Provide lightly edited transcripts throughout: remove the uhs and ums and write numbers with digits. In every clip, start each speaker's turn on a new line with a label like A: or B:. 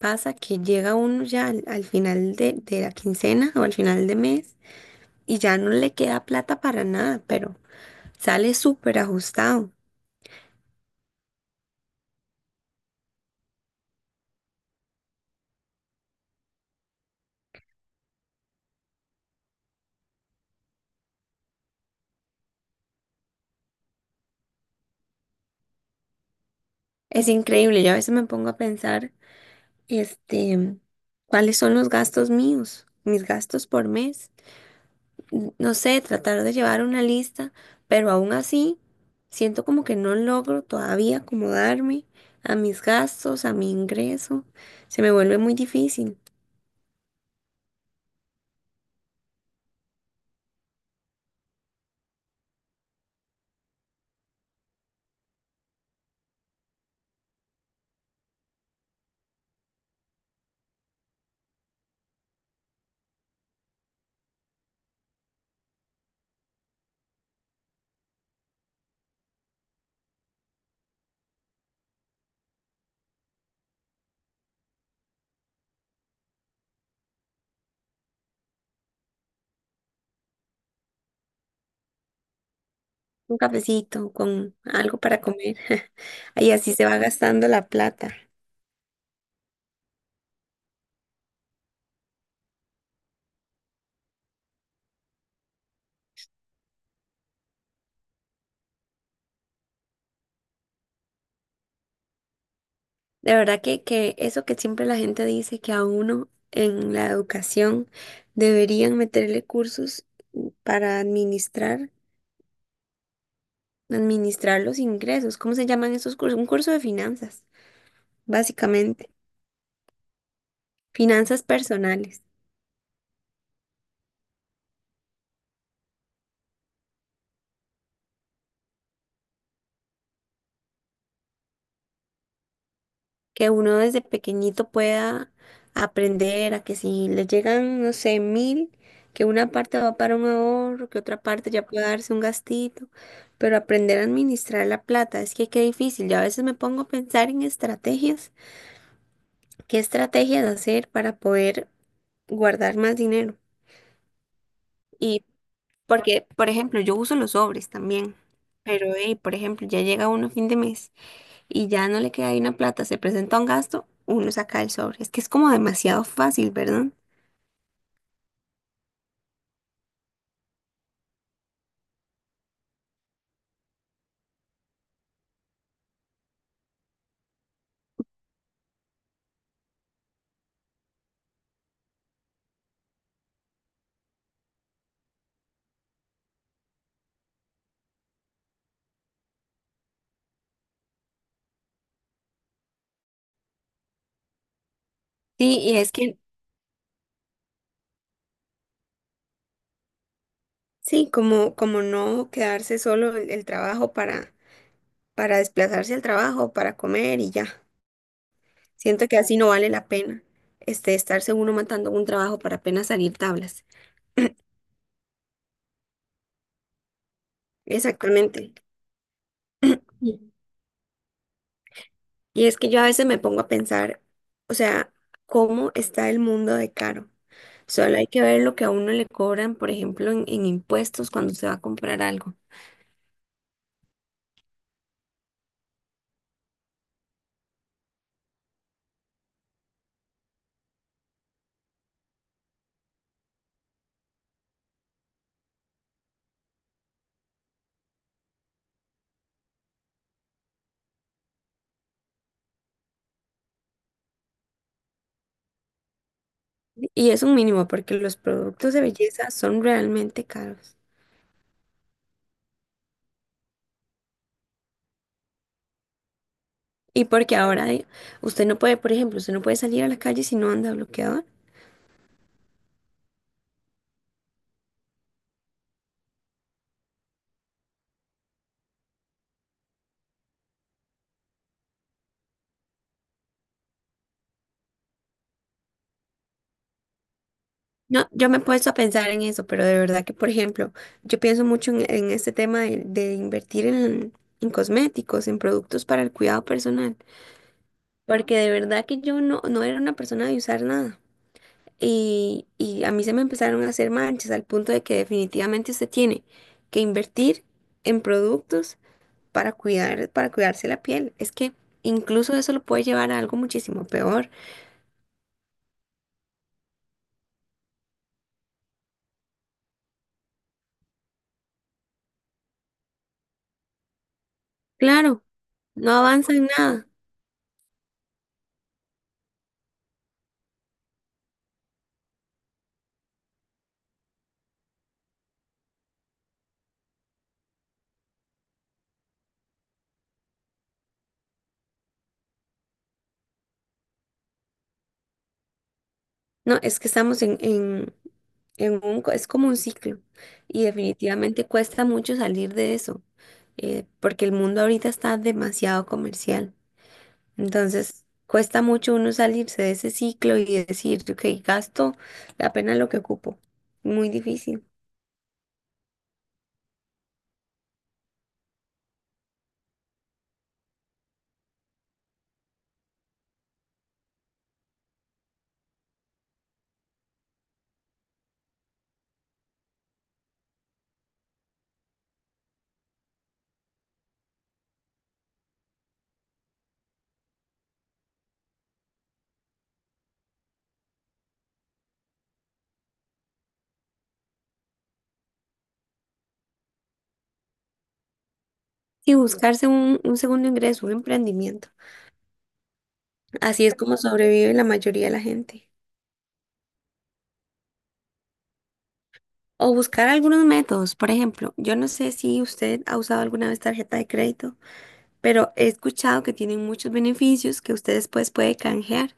A: Pasa que llega uno ya al final de la quincena o al final de mes, y ya no le queda plata para nada, pero sale súper ajustado. Es increíble, yo a veces me pongo a pensar, este, cuáles son los gastos míos, mis gastos por mes. No sé, tratar de llevar una lista, pero aún así siento como que no logro todavía acomodarme a mis gastos, a mi ingreso. Se me vuelve muy difícil. Un cafecito con algo para comer. Y así se va gastando la plata. De verdad que, eso que siempre la gente dice que a uno en la educación deberían meterle cursos para administrar, administrar los ingresos. ¿Cómo se llaman esos cursos? Un curso de finanzas, básicamente. Finanzas personales. Que uno desde pequeñito pueda aprender a que si le llegan, no sé, 1000, que una parte va para un ahorro, que otra parte ya pueda darse un gastito, pero aprender a administrar la plata, es que qué difícil. Yo a veces me pongo a pensar en estrategias, qué estrategias hacer para poder guardar más dinero. Y porque, por ejemplo, yo uso los sobres también, pero, hey, por ejemplo, ya llega uno a fin de mes, y ya no le queda ahí una plata, se presenta un gasto, uno saca el sobre. Es que es como demasiado fácil, ¿verdad? Sí, sí, como, como no quedarse solo el trabajo para desplazarse al trabajo, para comer y ya. Siento que así no vale la pena, estarse uno matando un trabajo para apenas salir tablas. Exactamente. Y es que yo a veces me pongo a pensar, o sea, ¿cómo está el mundo de caro? Solo hay que ver lo que a uno le cobran, por ejemplo, en impuestos cuando se va a comprar algo. Y es un mínimo porque los productos de belleza son realmente caros. Y porque ahora usted no puede, por ejemplo, usted no puede salir a la calle si no anda bloqueador. No, yo me he puesto a pensar en eso, pero de verdad que, por ejemplo, yo pienso mucho en este tema de invertir en cosméticos, en productos para el cuidado personal, porque de verdad que yo no, no era una persona de usar nada. Y a mí se me empezaron a hacer manchas al punto de que definitivamente usted tiene que invertir en productos para cuidar, para cuidarse la piel. Es que incluso eso lo puede llevar a algo muchísimo peor. Claro, no avanza en nada. No, es que estamos en un, es como un ciclo y definitivamente cuesta mucho salir de eso, porque el mundo ahorita está demasiado comercial. Entonces, cuesta mucho uno salirse de ese ciclo y decir, ok, gasto apenas lo que ocupo. Muy difícil. Y buscarse un segundo ingreso, un emprendimiento. Así es como sobrevive la mayoría de la gente. O buscar algunos métodos. Por ejemplo, yo no sé si usted ha usado alguna vez tarjeta de crédito, pero he escuchado que tienen muchos beneficios que usted después puede canjear.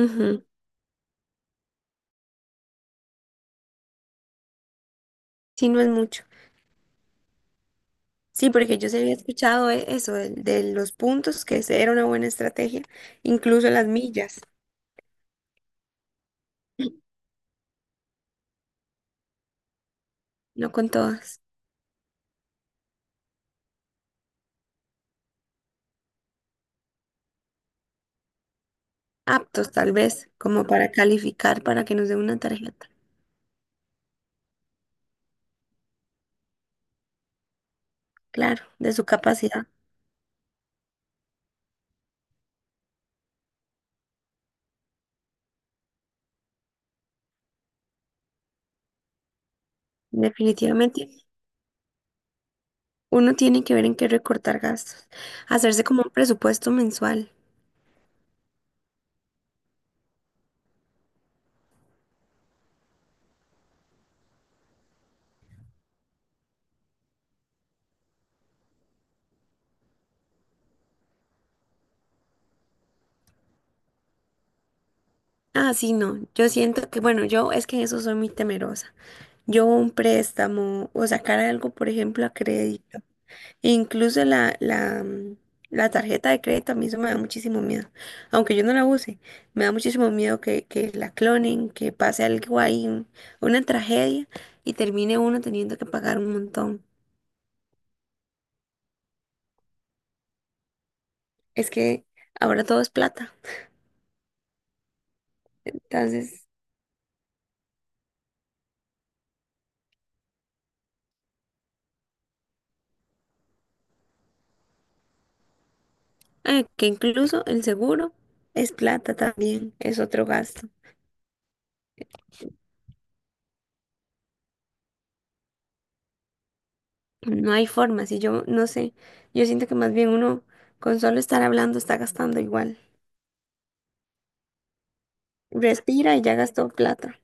A: Ujú. Si no es mucho. Sí, porque yo sí había escuchado eso, el de los puntos, que ese era una buena estrategia, incluso las millas, no con todas. Aptos, tal vez, como para calificar, para que nos dé una tarjeta. Claro, de su capacidad. Definitivamente, uno tiene que ver en qué recortar gastos, hacerse como un presupuesto mensual. Ah, sí, no, yo siento que, bueno, yo es que en eso soy muy temerosa. Yo un préstamo o sacar algo, por ejemplo, a crédito. Incluso la tarjeta de crédito a mí eso me da muchísimo miedo. Aunque yo no la use, me da muchísimo miedo que la clonen, que pase algo ahí, una tragedia y termine uno teniendo que pagar un montón. Es que ahora todo es plata. Entonces, que incluso el seguro es plata también, es otro gasto. No hay forma, si yo no sé, yo siento que más bien uno con solo estar hablando está gastando igual. Respira y ya gastó plata.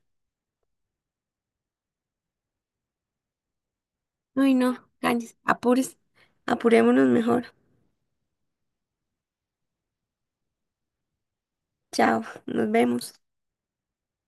A: Ay, no, Cáñez, apures, apurémonos mejor. Chao, nos vemos.